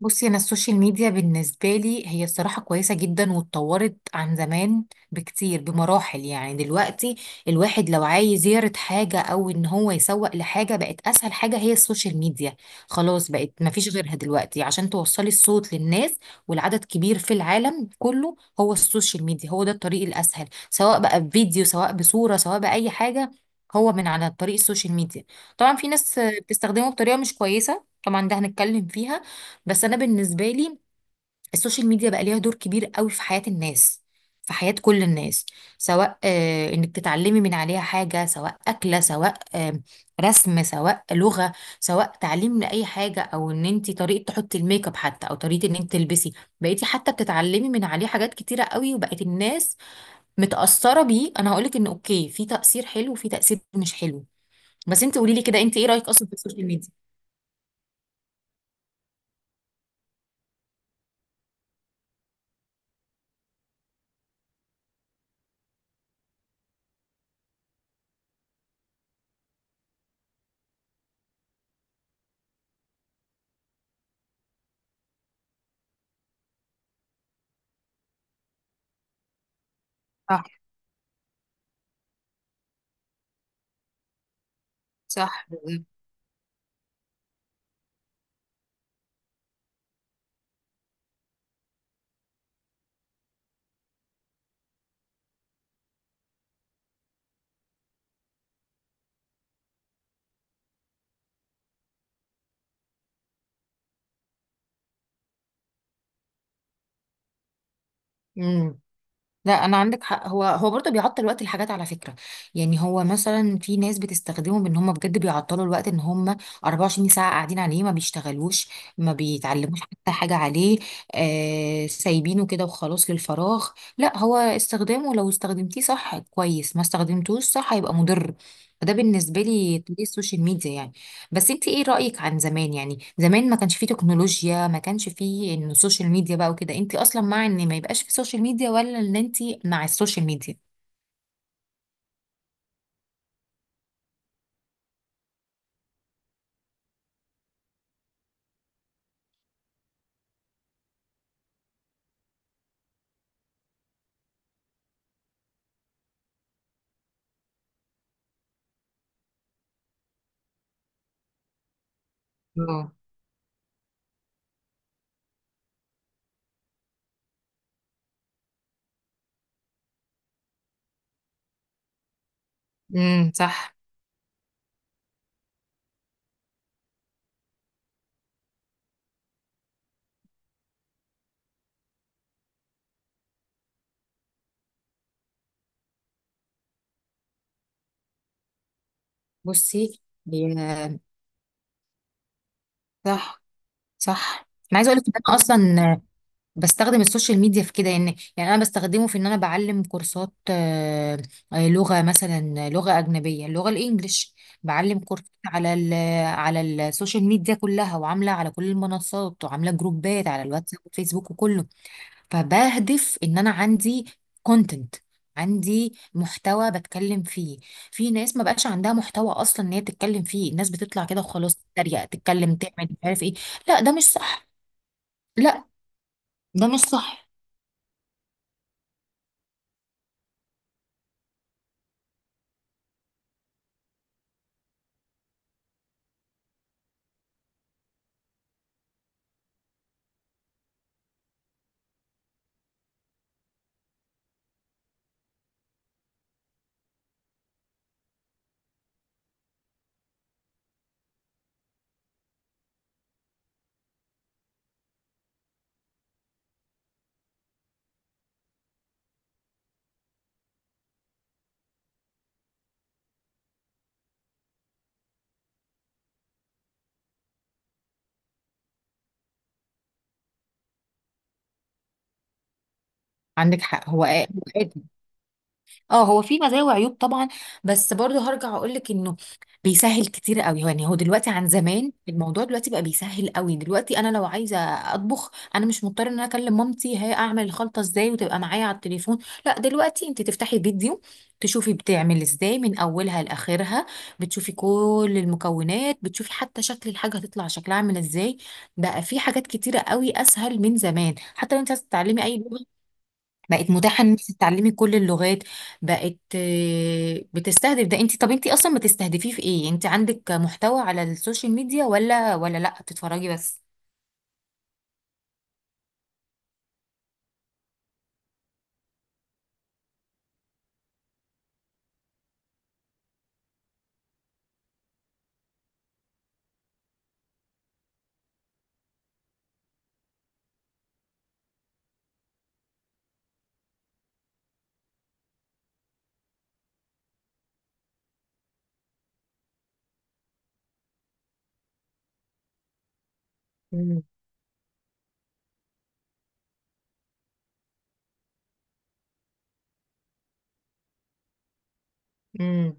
بصي، انا السوشيال ميديا بالنسبه لي هي الصراحه كويسه جدا، واتطورت عن زمان بكتير، بمراحل. يعني دلوقتي الواحد لو عايز يعرض حاجه او ان هو يسوق لحاجه، بقت اسهل حاجه هي السوشيال ميديا. خلاص، بقت مفيش غيرها دلوقتي عشان توصلي الصوت للناس. والعدد كبير في العالم كله، هو السوشيال ميديا هو ده الطريق الاسهل، سواء بقى بفيديو سواء بصوره سواء باي حاجه، هو من على طريق السوشيال ميديا. طبعا في ناس بتستخدمه بطريقه مش كويسه، طبعا ده هنتكلم فيها. بس انا بالنسبه لي السوشيال ميديا بقى ليها دور كبير قوي في حياه الناس، في حياه كل الناس. سواء انك تتعلمي من عليها حاجه، سواء اكله، سواء رسم، سواء لغه، سواء تعليم لاي حاجه، او ان انت طريقه تحطي الميك اب، حتى او طريقه ان انت تلبسي، بقيتي حتى بتتعلمي من عليه حاجات كتيره قوي، وبقت الناس متاثره بيه. انا هقولك ان اوكي، في تاثير حلو وفي تاثير مش حلو. بس انت قولي لي كده، انت ايه رايك اصلا في السوشيال ميديا؟ صح. صح. لا، انا عندك حق، هو برضه بيعطل وقت الحاجات على فكره. يعني هو مثلا في ناس بتستخدمهم ان هم بجد بيعطلوا الوقت، ان هم 24 ساعه قاعدين عليه، ما بيشتغلوش، ما بيتعلموش حتى حاجه عليه. سايبينه كده وخلاص للفراغ. لا، هو استخدامه لو استخدمتيه صح كويس، ما استخدمتوش صح هيبقى مضر. فده بالنسبه لي طريق السوشيال ميديا يعني. بس انت ايه رأيك عن زمان؟ يعني زمان ما كانش فيه تكنولوجيا، ما كانش فيه انه السوشيال ميديا بقى وكده، انت اصلا مع ان ما يبقاش فيه سوشيال ميديا، ولا ان انت مع السوشيال ميديا؟ اه. امم. صح. بصي، هي. صح. صح، انا عايزه اقول لك ان انا اصلا بستخدم السوشيال ميديا في كده. يعني انا بستخدمه في ان انا بعلم كورسات، لغه مثلا، لغه اجنبيه، اللغه الانجليش. بعلم كورسات على السوشيال ميديا كلها، وعامله على كل المنصات، وعامله جروبات على الواتساب والفيسبوك وكله. فبهدف ان انا عندي كونتنت، عندي محتوى بتكلم فيه. في ناس ما بقاش عندها محتوى اصلا ان هي تتكلم فيه. الناس بتطلع كده وخلاص تتريق، تتكلم، تعمل مش عارف ايه. لا، ده مش صح. لا، ده مش صح. عندك حق، هو آدم. اه، هو في مزايا وعيوب طبعا. بس برضه هرجع اقول لك انه بيسهل كتير قوي. يعني هو دلوقتي عن زمان الموضوع، دلوقتي بقى بيسهل قوي. دلوقتي انا لو عايزه اطبخ، انا مش مضطره ان انا اكلم مامتي هي اعمل الخلطه ازاي، وتبقى معايا على التليفون. لا، دلوقتي انت تفتحي فيديو، تشوفي بتعمل ازاي من اولها لاخرها، بتشوفي كل المكونات، بتشوفي حتى شكل الحاجه هتطلع شكلها عامل ازاي. بقى في حاجات كتيره قوي اسهل من زمان. حتى لو انت عايزه تتعلمي اي لغه، بقت متاحه ان انت تتعلمي كل اللغات. بقت بتستهدف. ده انت، طب انت اصلا بتستهدفيه في ايه؟ انت عندك محتوى على السوشيال ميديا، ولا لا بتتفرجي بس؟ مم. مم.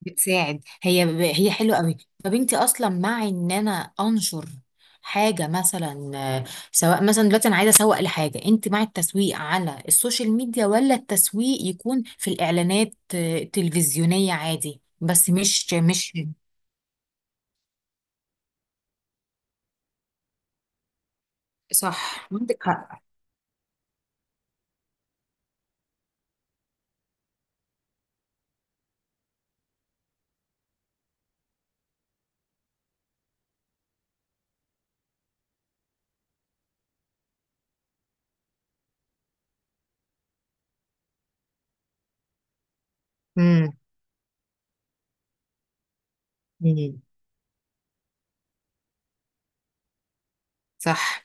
بتساعد هي. هي حلوه قوي. طب انت اصلا مع ان انا انشر حاجه مثلا، سواء مثلا دلوقتي انا عايزه اسوق لحاجه، انت مع التسويق على السوشيال ميديا، ولا التسويق يكون في الاعلانات، التلفزيونيه عادي، بس مش. صح، عندك حق. امم. أمم. صح.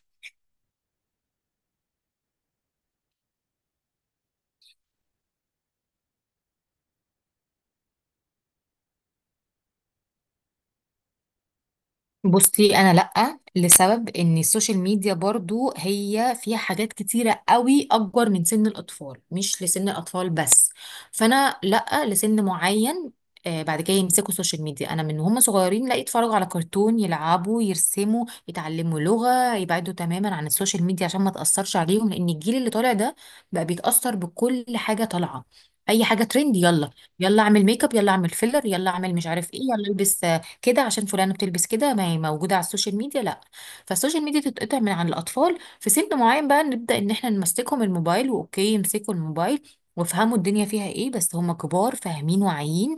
بصي، انا لأ، لسبب ان السوشيال ميديا برضو هي فيها حاجات كتيرة قوي اكبر من سن الاطفال، مش لسن الاطفال بس. فانا لأ، لسن معين بعد كده يمسكوا السوشيال ميديا. انا من هم صغيرين، لا، يتفرجوا على كرتون، يلعبوا، يرسموا، يتعلموا لغة، يبعدوا تماما عن السوشيال ميديا عشان ما تأثرش عليهم. لان الجيل اللي طالع ده بقى بيتأثر بكل حاجة طالعة. اي حاجة ترند، يلا يلا اعمل ميك اب، يلا اعمل فيلر، يلا اعمل مش عارف ايه، يلا البس كده عشان فلانة بتلبس كده، ما هي موجودة على السوشيال ميديا. لا، فالسوشيال ميديا تتقطع من عن الأطفال. في سن معين بقى نبدأ إن احنا نمسكهم الموبايل، وأوكي يمسكوا الموبايل وافهموا الدنيا فيها ايه، بس هم كبار، فاهمين، واعيين،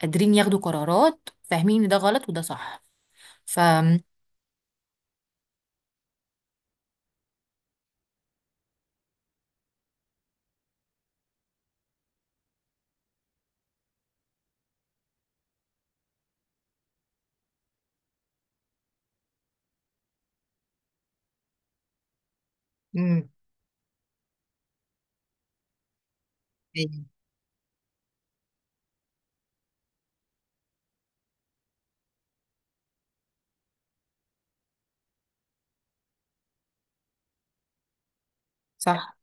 قادرين ياخدوا قرارات، فاهمين ان ده غلط وده صح. ف مم. أيوة. صح.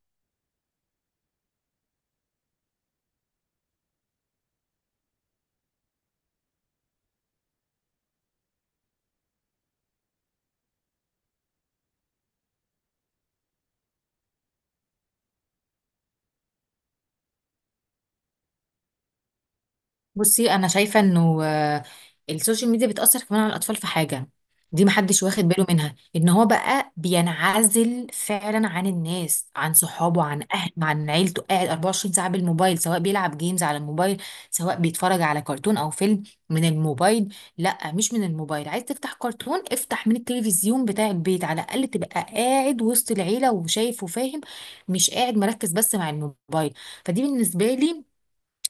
بصي، انا شايفه انه السوشيال ميديا بتاثر كمان على الاطفال في حاجه دي محدش واخد باله منها، ان هو بقى بينعزل فعلا عن الناس، عن صحابه، عن اهله، عن عيلته، قاعد 24 ساعه بالموبايل، سواء بيلعب جيمز على الموبايل، سواء بيتفرج على كرتون او فيلم من الموبايل. لا، مش من الموبايل، عايز تفتح كرتون افتح من التلفزيون بتاع البيت، على الاقل تبقى قاعد وسط العيله وشايف وفاهم، مش قاعد مركز بس مع الموبايل. فدي بالنسبه لي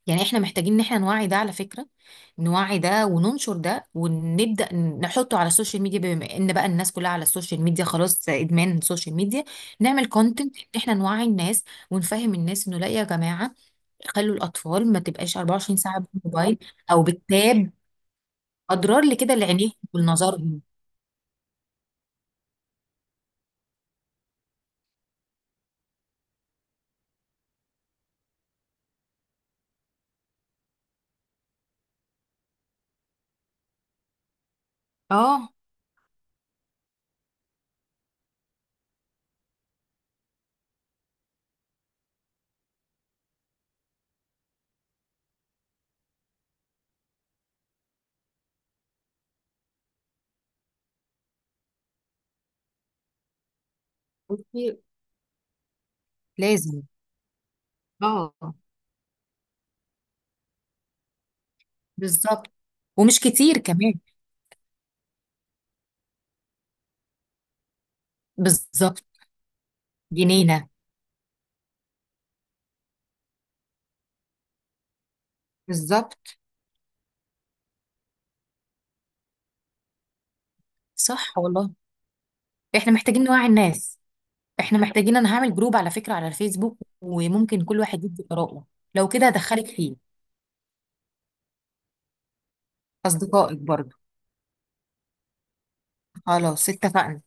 يعني، احنا محتاجين ان احنا نوعي ده على فكرة، نوعي ده وننشر ده، ونبدأ نحطه على السوشيال ميديا، بما ان بقى الناس كلها على السوشيال ميديا، خلاص ادمان السوشيال ميديا. نعمل كونتنت احنا نوعي الناس، ونفهم الناس انه لا يا جماعة، خلوا الاطفال ما تبقاش 24 ساعة بالموبايل او بالتاب، اضرار لكده لعينيهم ولنظرهم. اه. بصي، لازم. اه. بالظبط. ومش كتير كمان. بالظبط. جنينة. بالظبط. صح والله. احنا محتاجين نوعي الناس، احنا محتاجين، انا هعمل جروب على فكرة على الفيسبوك، وممكن كل واحد يدي آراءه. لو كده هدخلك فيه. اصدقائك برضو. خلاص، اتفقنا.